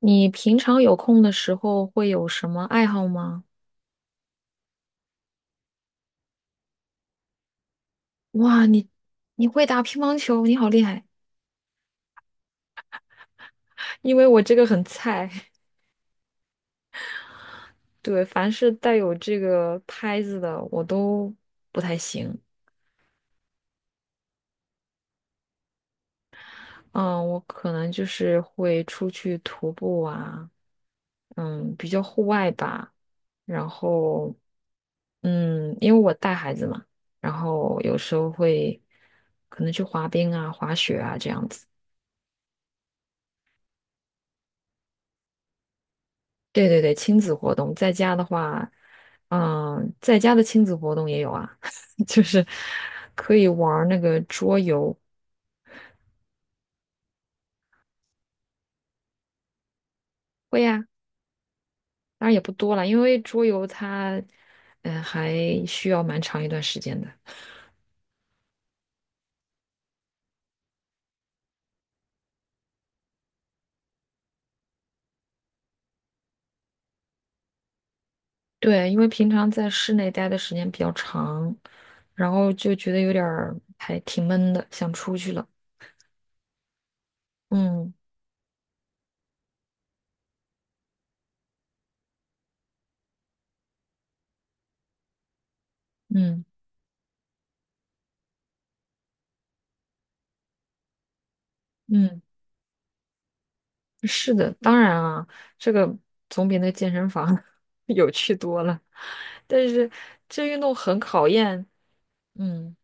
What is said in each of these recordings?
你平常有空的时候会有什么爱好吗？哇，你会打乒乓球，你好厉害！因为我这个很菜，对，凡是带有这个拍子的我都不太行。嗯，我可能就是会出去徒步啊，比较户外吧。然后，因为我带孩子嘛，然后有时候会可能去滑冰啊、滑雪啊这样子。对对对，亲子活动，在家的话，在家的亲子活动也有啊，就是可以玩儿那个桌游，会呀、当然也不多了，因为桌游它，还需要蛮长一段时间的。对，因为平常在室内待的时间比较长，然后就觉得有点儿还挺闷的，想出去了。嗯嗯嗯。是的，当然啊，这个总比那健身房 有趣多了。但是这运动很考验，嗯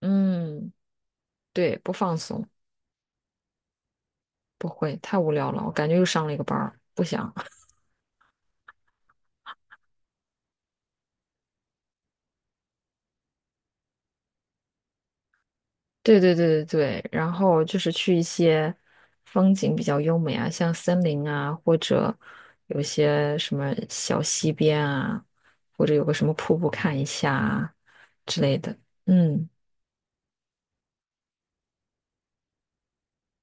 嗯，对，不放松，不会，太无聊了，我感觉又上了一个班儿，不想。对对对对对，然后就是去一些风景比较优美啊，像森林啊，或者有些什么小溪边啊，或者有个什么瀑布看一下啊之类的，嗯。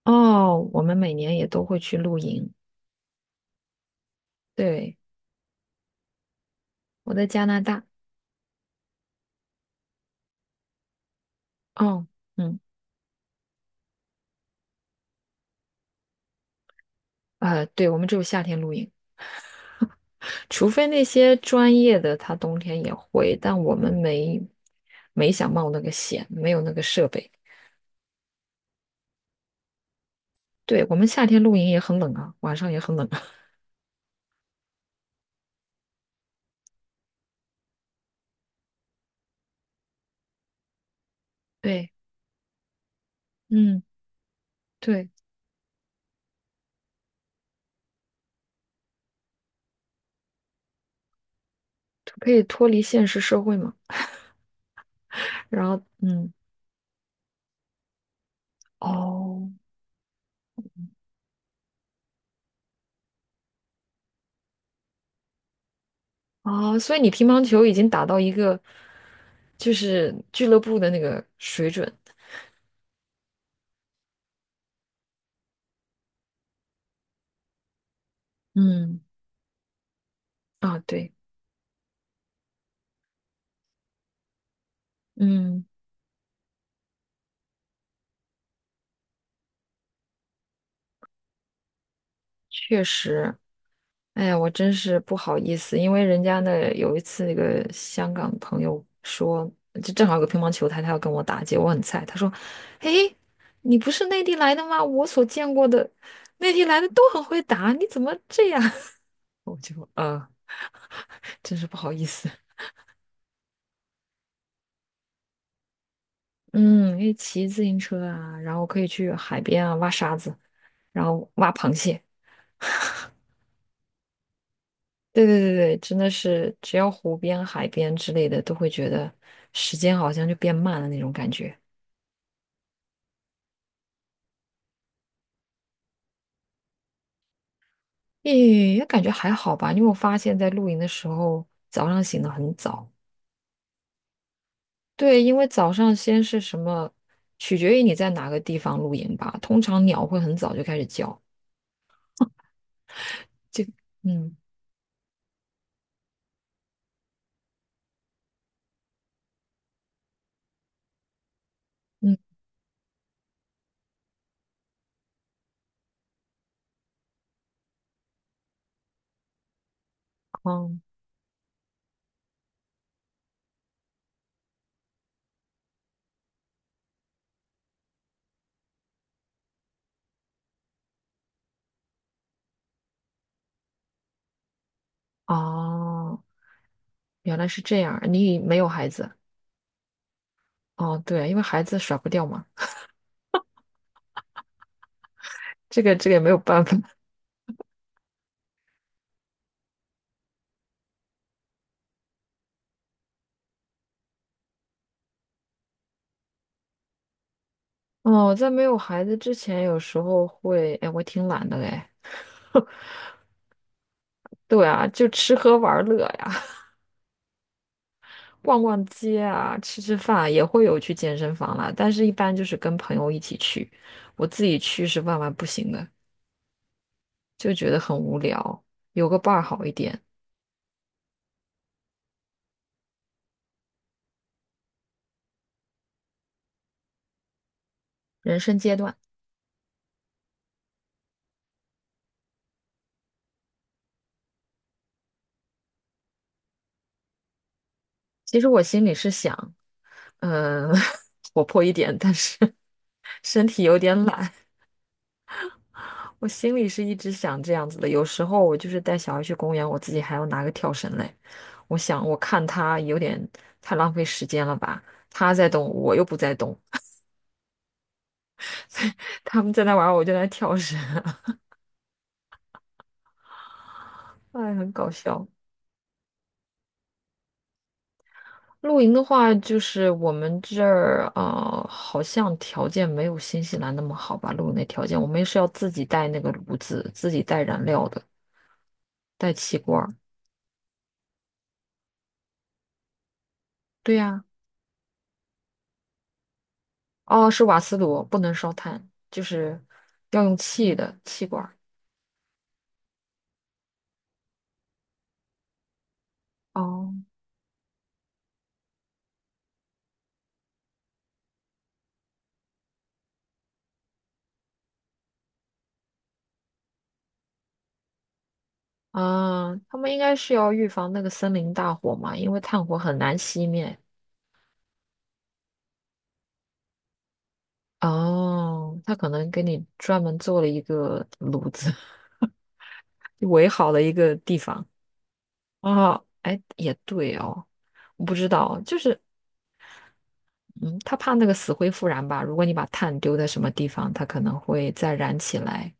哦，我们每年也都会去露营。对，我在加拿大。哦，嗯，啊，对，我们只有夏天露营，除非那些专业的，他冬天也会，但我们没想冒那个险，没有那个设备。对，我们夏天露营也很冷啊，晚上也很冷啊。对，嗯，对，可以脱离现实社会嘛。然后，哦，哦，所以你乒乓球已经打到一个就是俱乐部的那个水准。嗯，啊，对，嗯，确实。哎呀，我真是不好意思，因为人家那有一次那个香港朋友说，就正好有个乒乓球台，他要跟我打结，果我很菜。他说：“嘿，你不是内地来的吗？我所见过的内地来的都很会打，你怎么这样？” 我就真是不好意思。嗯，因为骑自行车啊，然后可以去海边啊挖沙子，然后挖螃蟹。对对对对，真的是只要湖边、海边之类的，都会觉得时间好像就变慢了那种感觉。也感觉还好吧，因为我发现，在露营的时候，早上醒得很早。对，因为早上先是什么，取决于你在哪个地方露营吧。通常鸟会很早就开始叫。嗯嗯哦哦，原来是这样，你没有孩子哦？对，因为孩子甩不掉嘛，这个这个也没有办法。哦，在没有孩子之前，有时候会，哎，我挺懒的嘞。对啊，就吃喝玩乐呀。逛逛街啊，吃吃饭啊也会有去健身房啦，但是一般就是跟朋友一起去，我自己去是万万不行的，就觉得很无聊，有个伴儿好一点。人生阶段，其实我心里是想，嗯、活泼一点，但是 身体有点懒，我心里是一直想这样子的。有时候我就是带小孩去公园，我自己还要拿个跳绳嘞，我想我看他有点太浪费时间了吧，他在动，我又不在动。他们在那玩儿我就在那跳绳，哎，很搞笑。露营的话，就是我们这儿啊、呃好像条件没有新西兰那么好吧？露营的条件，我们是要自己带那个炉子，自己带燃料的，带气罐儿。对呀、哦，是瓦斯炉，不能烧炭，就是要用气的气罐儿。哦，啊，他们应该是要预防那个森林大火嘛，因为炭火很难熄灭。哦，他可能给你专门做了一个炉子。围好的一个地方啊，哎，也对哦，我不知道，就是，嗯，他怕那个死灰复燃吧？如果你把炭丢在什么地方，它可能会再燃起来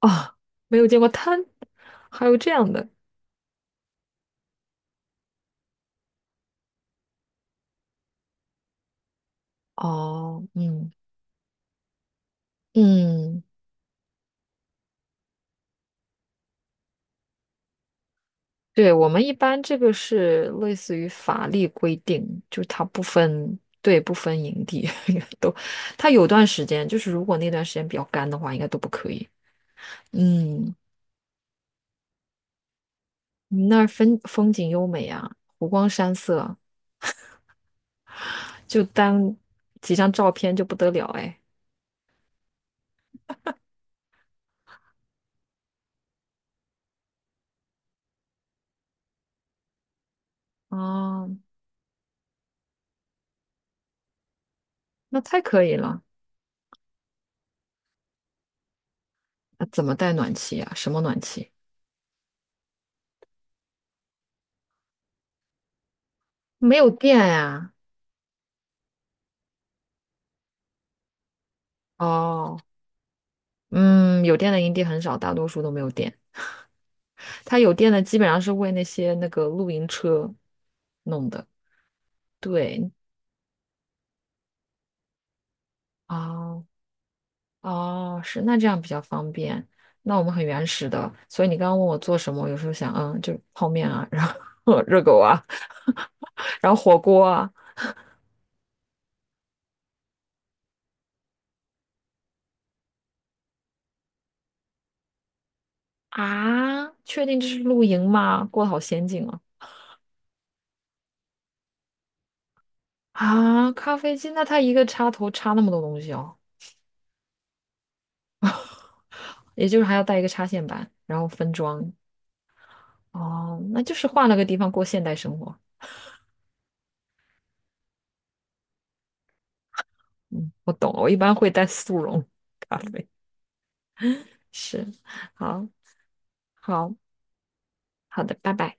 啊，没有见过炭，还有这样的哦，嗯嗯，对，我们一般这个是类似于法律规定，就是它不分，对，不分营地 都，它有段时间，就是如果那段时间比较干的话，应该都不可以，嗯。你那儿风景优美啊，湖光山色，就单几张照片就不得了哎。哦，那太可以了。那怎么带暖气呀？什么暖气？没有电呀、哦，嗯，有电的营地很少，大多数都没有电。它有电的基本上是为那些那个露营车弄的。对，啊。哦，是，那这样比较方便。那我们很原始的，所以你刚刚问我做什么，我有时候想，嗯，就泡面啊，然后 热狗啊，然后火锅啊。啊，确定这是露营吗？过得好先进啊！啊，咖啡机，那它一个插头插那么多东西哦，也就是还要带一个插线板，然后分装。哦，那就是换了个地方过现代生活。嗯，我懂了，我一般会带速溶咖啡。是，好，好，好的，拜拜。